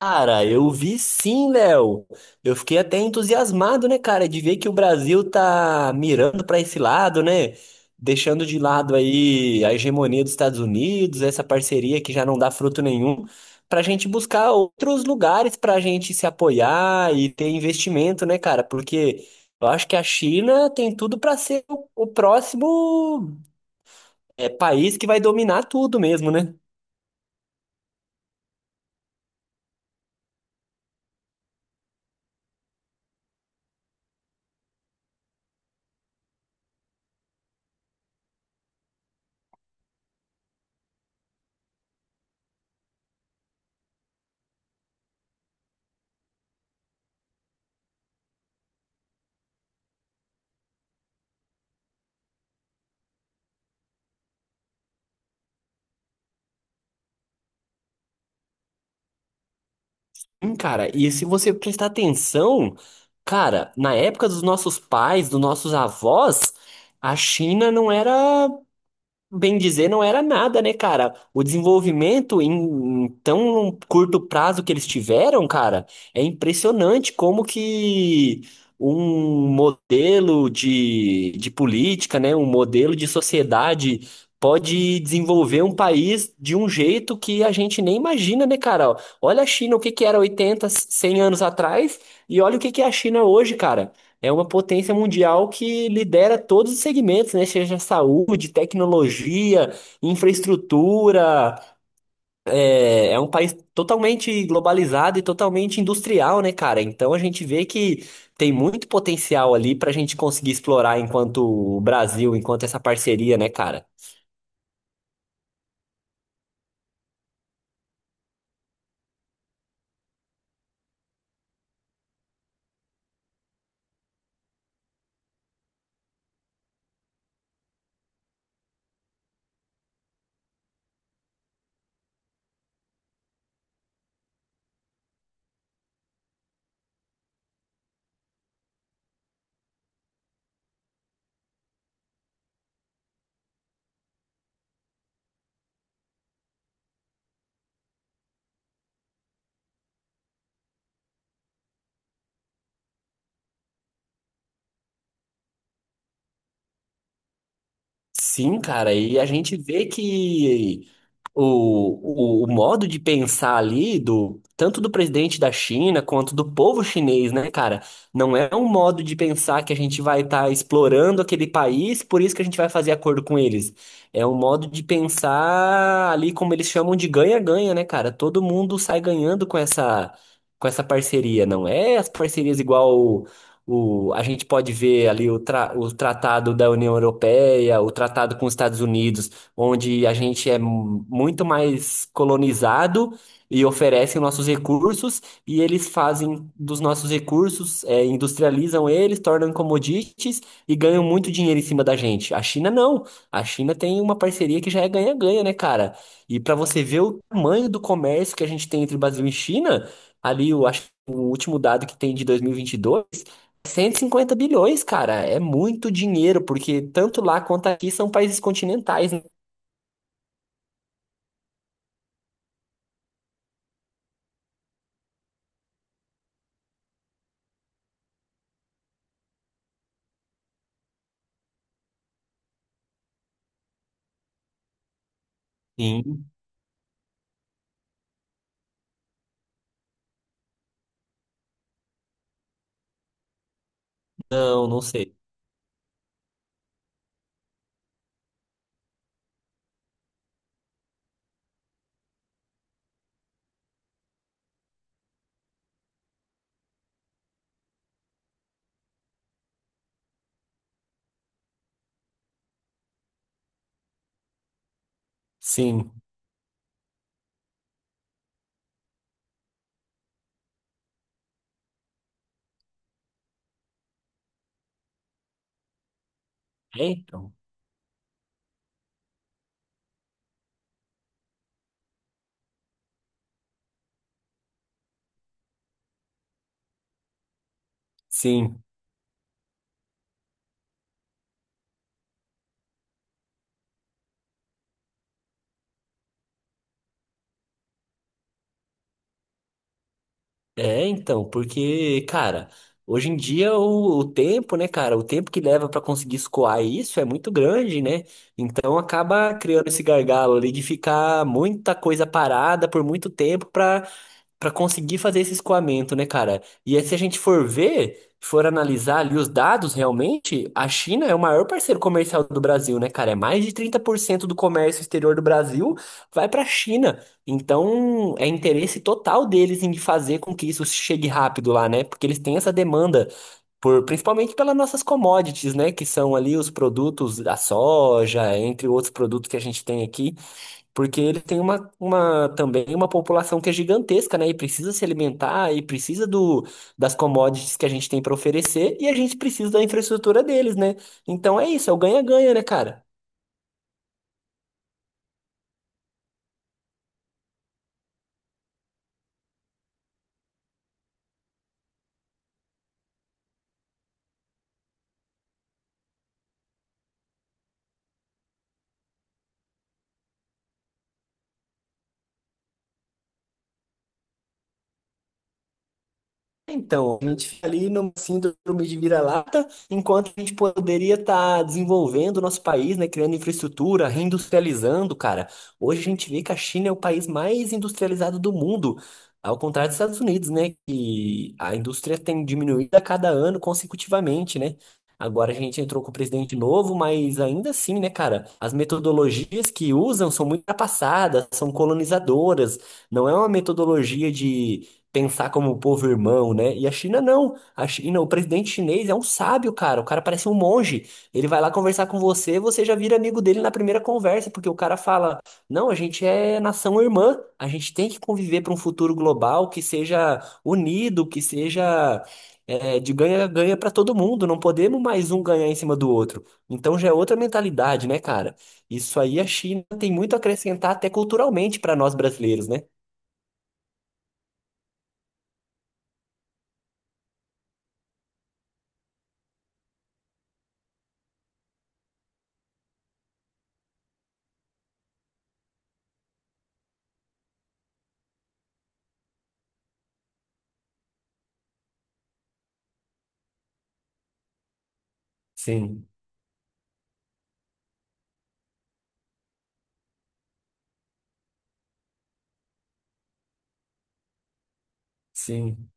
Cara, eu vi sim, Léo. Eu fiquei até entusiasmado, né, cara, de ver que o Brasil tá mirando pra esse lado, né? Deixando de lado aí a hegemonia dos Estados Unidos, essa parceria que já não dá fruto nenhum, pra gente buscar outros lugares pra gente se apoiar e ter investimento, né, cara? Porque eu acho que a China tem tudo pra ser o próximo, país que vai dominar tudo mesmo, né? Cara, e se você prestar atenção, cara, na época dos nossos pais, dos nossos avós, a China não era. Bem dizer, não era nada, né, cara? O desenvolvimento em tão curto prazo que eles tiveram, cara, é impressionante como que um modelo de política, né, um modelo de sociedade pode desenvolver um país de um jeito que a gente nem imagina, né, cara? Olha a China, o que que era 80 100 anos atrás, e olha o que que é a China hoje, cara. É uma potência mundial que lidera todos os segmentos, né? Seja saúde, tecnologia, infraestrutura. É um país totalmente globalizado e totalmente industrial, né, cara? Então a gente vê que tem muito potencial ali para a gente conseguir explorar enquanto o Brasil, enquanto essa parceria, né, cara? Sim, cara, e a gente vê que o modo de pensar ali do tanto do presidente da China quanto do povo chinês, né, cara? Não é um modo de pensar que a gente vai estar explorando aquele país, por isso que a gente vai fazer acordo com eles. É um modo de pensar ali como eles chamam de ganha-ganha, né, cara? Todo mundo sai ganhando com essa parceria, não é as parcerias igual a gente pode ver ali o tratado da União Europeia, o tratado com os Estados Unidos onde a gente é muito mais colonizado e oferecem nossos recursos, e eles fazem dos nossos recursos, industrializam eles, tornam commodities e ganham muito dinheiro em cima da gente. A China não. A China tem uma parceria que já é ganha-ganha, né, cara? E para você ver o tamanho do comércio que a gente tem entre Brasil e China, ali eu acho que o último dado que tem de 2022, 150 bilhões, cara, é muito dinheiro, porque tanto lá quanto aqui são países continentais, né? Sim, não, não sei. Sim, é então. Sim, é então, porque, cara, hoje em dia o tempo, né, cara, o tempo que leva pra conseguir escoar isso é muito grande, né? Então acaba criando esse gargalo ali de ficar muita coisa parada por muito tempo pra para conseguir fazer esse escoamento, né, cara? E aí, se a gente for ver, for analisar ali os dados realmente, a China é o maior parceiro comercial do Brasil, né, cara? É mais de 30% do comércio exterior do Brasil vai para a China. Então, é interesse total deles em fazer com que isso chegue rápido lá, né? Porque eles têm essa demanda. Principalmente pelas nossas commodities, né? Que são ali os produtos da soja, entre outros produtos que a gente tem aqui. Porque ele tem uma também uma população que é gigantesca, né? E precisa se alimentar, e precisa das commodities que a gente tem para oferecer, e a gente precisa da infraestrutura deles, né? Então é isso, é o ganha-ganha, né, cara? Então, a gente fica ali numa síndrome de vira-lata, enquanto a gente poderia estar desenvolvendo o nosso país, né, criando infraestrutura, reindustrializando, cara. Hoje a gente vê que a China é o país mais industrializado do mundo, ao contrário dos Estados Unidos, né, que a indústria tem diminuído a cada ano consecutivamente, né? Agora a gente entrou com o presidente novo, mas ainda assim, né, cara, as metodologias que usam são muito ultrapassadas, são colonizadoras, não é uma metodologia de pensar como um povo irmão, né? E a China não. A China, o presidente chinês é um sábio, cara. O cara parece um monge. Ele vai lá conversar com você, você já vira amigo dele na primeira conversa, porque o cara fala: "Não, a gente é nação irmã. A gente tem que conviver para um futuro global que seja unido, que seja de ganha-ganha para todo mundo. Não podemos mais um ganhar em cima do outro. Então já é outra mentalidade, né, cara? Isso aí a China tem muito a acrescentar até culturalmente para nós brasileiros, né? Sim, sim.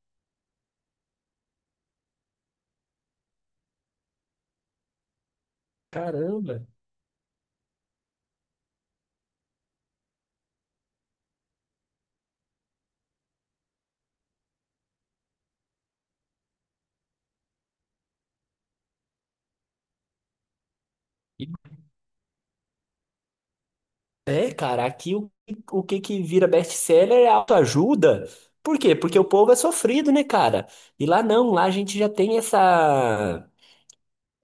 Caramba. E- É, cara, aqui o que que vira best-seller é autoajuda. Por quê? Porque o povo é sofrido, né, cara? E lá não, lá a gente já tem essa.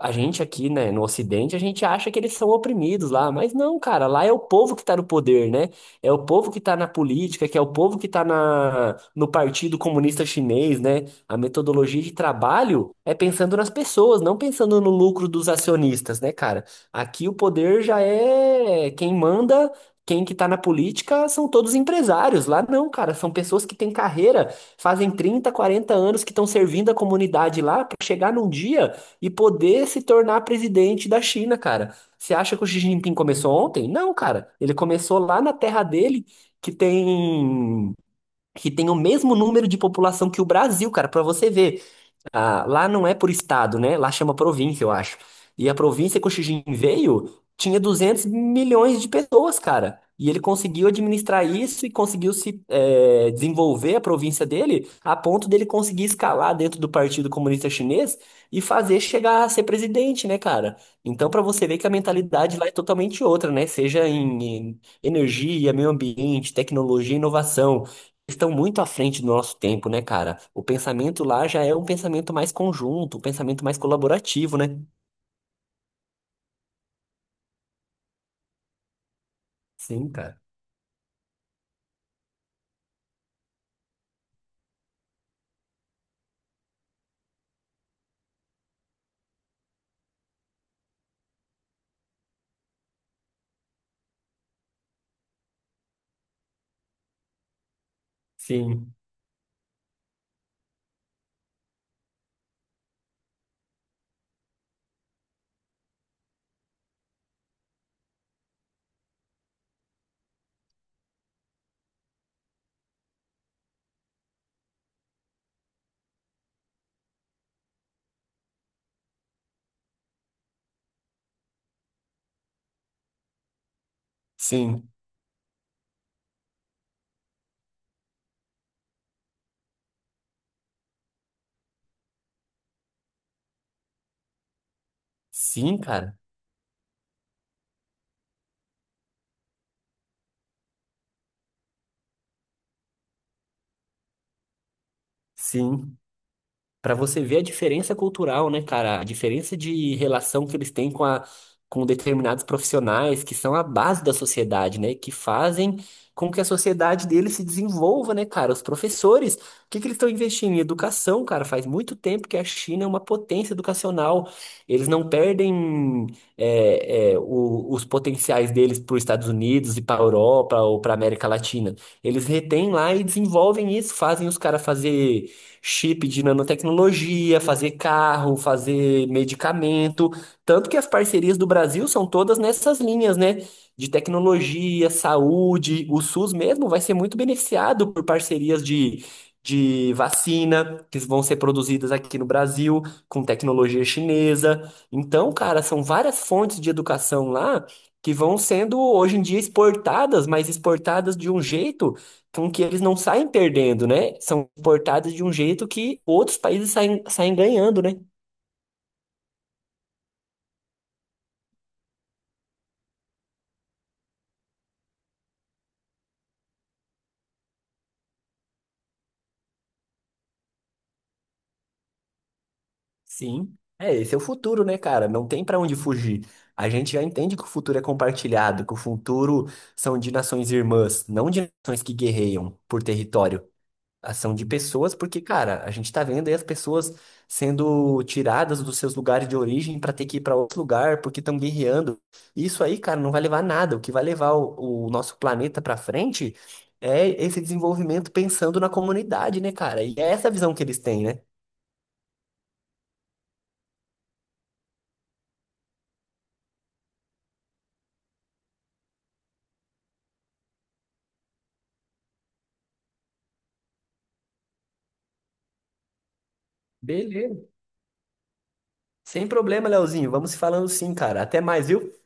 A gente aqui, né, no Ocidente, a gente acha que eles são oprimidos lá, mas não, cara, lá é o povo que tá no poder, né? É o povo que tá na política, que é o povo que tá no Partido Comunista Chinês, né? A metodologia de trabalho é pensando nas pessoas, não pensando no lucro dos acionistas, né, cara? Aqui o poder já é quem manda. Quem que tá na política são todos empresários. Lá não, cara, são pessoas que têm carreira, fazem 30 40 anos que estão servindo a comunidade lá para chegar num dia e poder se tornar presidente da China, cara. Você acha que o Xi Jinping começou ontem? Não, cara. Ele começou lá na terra dele, que tem que tem o mesmo número de população que o Brasil, cara, para você ver. Ah, lá não é por estado, né? Lá chama província, eu acho. E a província que o Xi Jinping veio tinha 200 milhões de pessoas, cara. E ele conseguiu administrar isso e conseguiu se desenvolver a província dele a ponto dele conseguir escalar dentro do Partido Comunista Chinês e fazer chegar a ser presidente, né, cara? Então, pra você ver que a mentalidade lá é totalmente outra, né? Seja em energia, meio ambiente, tecnologia, e inovação estão muito à frente do nosso tempo, né, cara? O pensamento lá já é um pensamento mais conjunto, um pensamento mais colaborativo, né? Sim, cara. Sim. Sim. Sim, cara. Sim. Pra você ver a diferença cultural, né, cara? A diferença de relação que eles têm com a, com determinados profissionais que são a base da sociedade, né? Que fazem com que a sociedade deles se desenvolva, né, cara? Os professores, o que que eles estão investindo em educação, cara? Faz muito tempo que a China é uma potência educacional. Eles não perdem os potenciais deles para os Estados Unidos e para a Europa ou para a América Latina. Eles retêm lá e desenvolvem isso, fazem os caras fazer chip de nanotecnologia, fazer carro, fazer medicamento. Tanto que as parcerias do Brasil são todas nessas linhas, né? De tecnologia, saúde. O SUS mesmo vai ser muito beneficiado por parcerias de vacina que vão ser produzidas aqui no Brasil, com tecnologia chinesa. Então, cara, são várias fontes de educação lá que vão sendo hoje em dia exportadas, mas exportadas de um jeito com que eles não saem perdendo, né? São importados de um jeito que outros países saem, saem ganhando, né? Sim, é, esse é o futuro, né, cara? Não tem pra onde fugir. A gente já entende que o futuro é compartilhado, que o futuro são de nações irmãs, não de nações que guerreiam por território. Ação de pessoas, porque, cara, a gente tá vendo aí as pessoas sendo tiradas dos seus lugares de origem para ter que ir para outro lugar porque estão guerreando. Isso aí, cara, não vai levar a nada. O que vai levar o nosso planeta para frente é esse desenvolvimento pensando na comunidade, né, cara? E é essa a visão que eles têm, né? Beleza. Sem problema, Leozinho. Vamos se falando sim, cara. Até mais, viu?